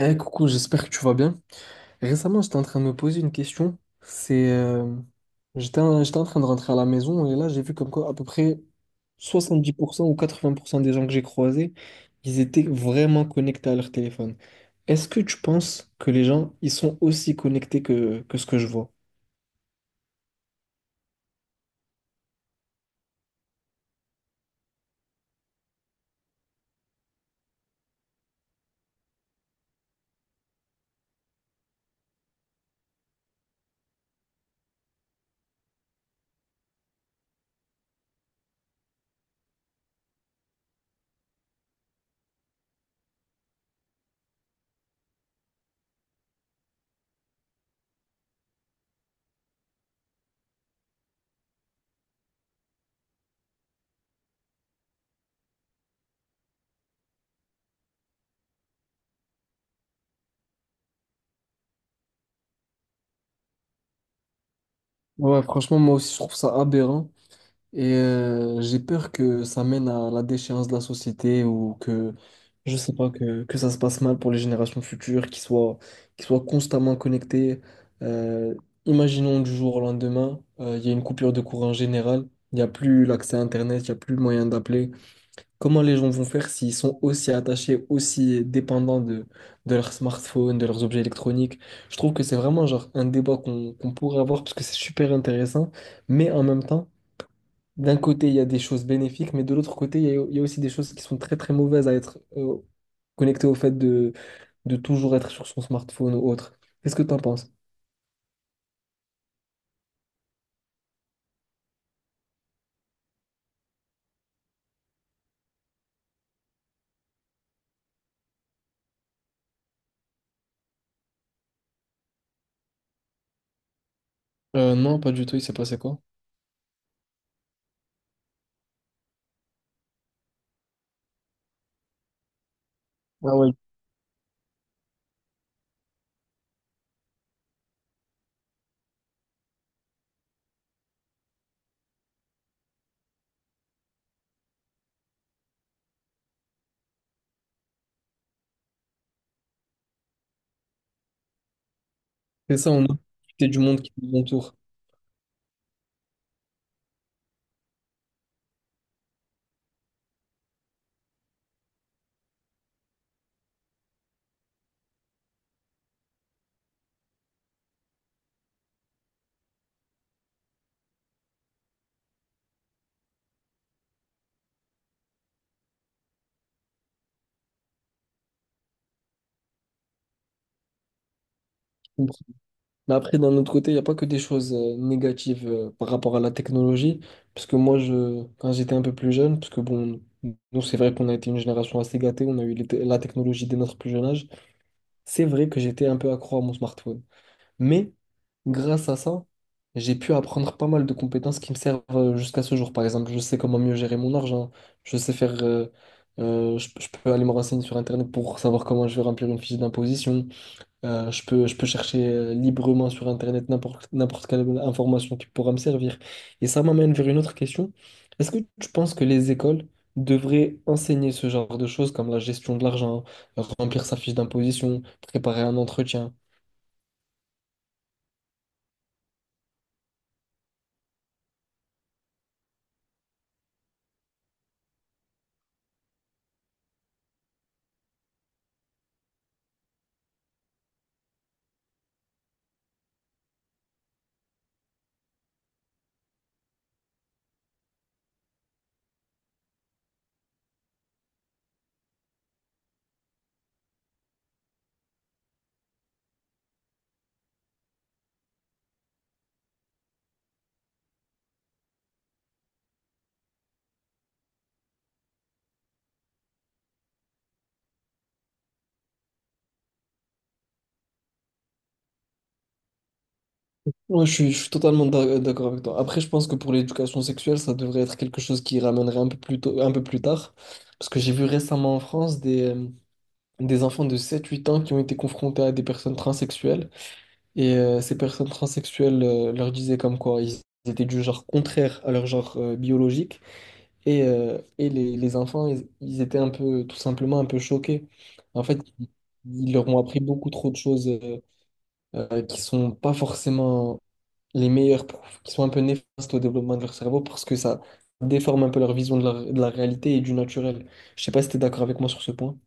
Eh coucou, j'espère que tu vas bien. Récemment, j'étais en train de me poser une question. J'étais j'étais en train de rentrer à la maison et là, j'ai vu comme quoi à peu près 70% ou 80% des gens que j'ai croisés, ils étaient vraiment connectés à leur téléphone. Est-ce que tu penses que les gens, ils sont aussi connectés que ce que je vois? Ouais, franchement, moi aussi, je trouve ça aberrant. J'ai peur que ça mène à la déchéance de la société je sais pas, que ça se passe mal pour les générations futures, qui soient constamment connectées. Euh, Imaginons du jour au lendemain, il y a une coupure de courant générale, il n'y a plus l'accès à Internet, il n'y a plus le moyen d'appeler. Comment les gens vont faire s'ils sont aussi attachés, aussi dépendants de leur smartphone, de leurs objets électroniques? Je trouve que c'est vraiment genre un débat qu'on pourrait avoir parce que c'est super intéressant, mais en même temps, d'un côté, il y a des choses bénéfiques, mais de l'autre côté, il y a aussi des choses qui sont très très mauvaises à être connectées au fait de toujours être sur son smartphone ou autre. Qu'est-ce que t'en penses? Non, pas du tout, il s'est passé quoi? Ah ouais. C'est ça, on a profité du monde qui nous entoure. Mais après, d'un autre côté, il n'y a pas que des choses négatives par rapport à la technologie. Parce que quand j'étais un peu plus jeune, parce que bon, nous, c'est vrai qu'on a été une génération assez gâtée, on a eu la technologie dès notre plus jeune âge, c'est vrai que j'étais un peu accro à mon smartphone. Mais grâce à ça, j'ai pu apprendre pas mal de compétences qui me servent jusqu'à ce jour. Par exemple, je sais comment mieux gérer mon argent. Je sais faire. Je, Je peux aller me renseigner sur Internet pour savoir comment je vais remplir une fiche d'imposition. Je peux chercher librement sur Internet n'importe quelle information qui pourra me servir. Et ça m'amène vers une autre question. Est-ce que tu penses que les écoles devraient enseigner ce genre de choses comme la gestion de l'argent, remplir sa fiche d'imposition, préparer un entretien? Je suis totalement d'accord avec toi. Après, je pense que pour l'éducation sexuelle, ça devrait être quelque chose qui ramènerait un peu plus tard. Parce que j'ai vu récemment en France des enfants de 7 8 ans qui ont été confrontés à des personnes transsexuelles. Ces personnes transsexuelles leur disaient comme quoi ils étaient du genre contraire à leur genre biologique. Et les enfants, ils étaient tout simplement un peu choqués. En fait, ils leur ont appris beaucoup trop de choses qui sont pas forcément les meilleurs profs qui sont un peu néfastes au développement de leur cerveau parce que ça déforme un peu leur vision de de la réalité et du naturel. Je sais pas si tu es d'accord avec moi sur ce point.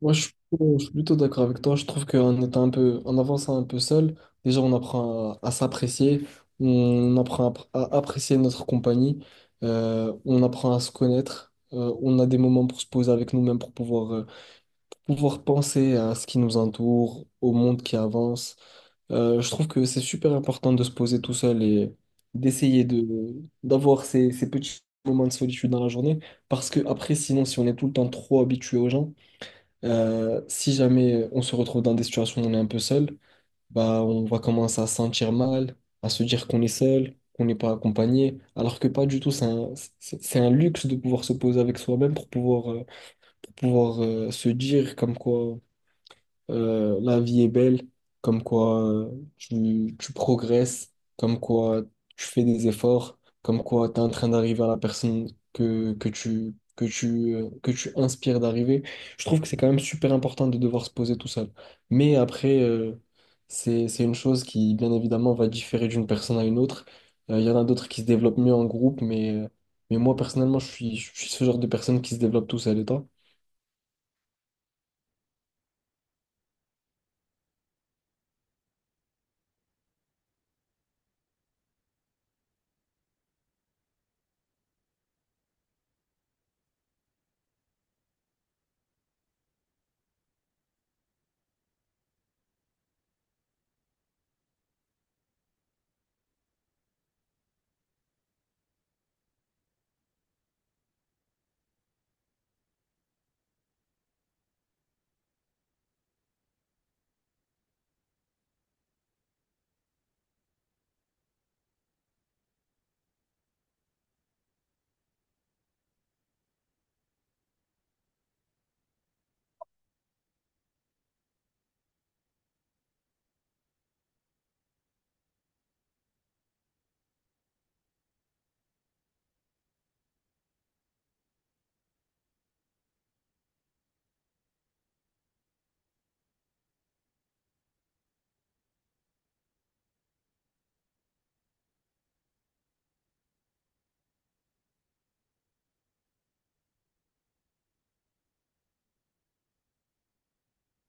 Moi, je suis plutôt Je suis plutôt d'accord avec toi. Je trouve qu'en étant un peu, en avançant un peu seul, déjà, on apprend à s'apprécier, on apprend à apprécier notre compagnie, on apprend à se connaître, on a des moments pour se poser avec nous-mêmes pour pouvoir pouvoir penser à ce qui nous entoure, au monde qui avance. Je trouve que c'est super important de se poser tout seul et d'essayer de d'avoir ces petits moments de solitude dans la journée parce que après sinon si on est tout le temps trop habitué aux gens si jamais on se retrouve dans des situations où on est un peu seul bah on va commencer à se sentir mal à se dire qu'on est seul qu'on n'est pas accompagné alors que pas du tout c'est un luxe de pouvoir se poser avec soi-même pour pouvoir se dire comme quoi la vie est belle, comme quoi tu progresses, comme quoi tu fais des efforts, comme quoi tu es en train d'arriver à la personne que tu inspires d'arriver. Je trouve que c'est quand même super important de devoir se poser tout seul. Mais c'est une chose qui, bien évidemment, va différer d'une personne à une autre. Il y en a d'autres qui se développent mieux en groupe, mais moi, personnellement, je suis ce genre de personne qui se développe tout seul. Et toi?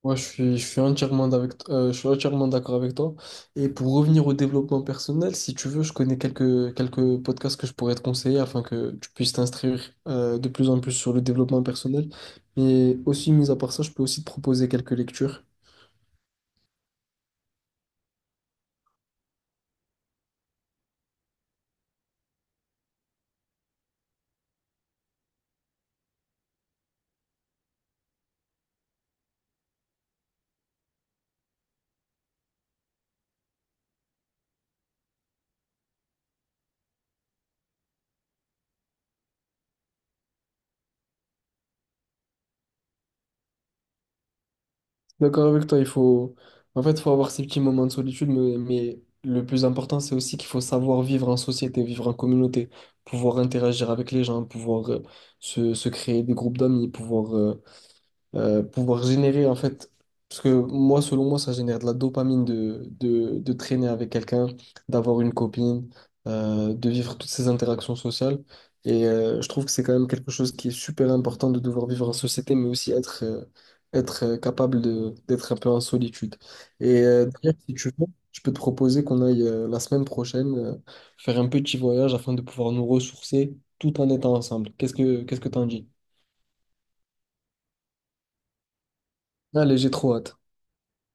Moi, je suis entièrement d'avec, Je suis entièrement d'accord avec toi. Et pour revenir au développement personnel, si tu veux, je connais quelques podcasts que je pourrais te conseiller afin que tu puisses t'instruire de plus en plus sur le développement personnel. Mais aussi, mis à part ça, je peux aussi te proposer quelques lectures. D'accord avec toi, en fait, faut avoir ces petits moments de solitude, mais le plus important, c'est aussi qu'il faut savoir vivre en société, vivre en communauté, pouvoir interagir avec les gens, pouvoir se créer des groupes d'amis, pouvoir générer en fait, parce que moi, selon moi, ça génère de la dopamine de traîner avec quelqu'un, d'avoir une copine, de vivre toutes ces interactions sociales. Je trouve que c'est quand même quelque chose qui est super important de devoir vivre en société, mais aussi être capable d'être un peu en solitude. D'ailleurs, si tu veux, je peux te proposer qu'on aille la semaine prochaine faire un petit voyage afin de pouvoir nous ressourcer tout en étant ensemble. Qu'est-ce que t'en dis? Allez, j'ai trop hâte.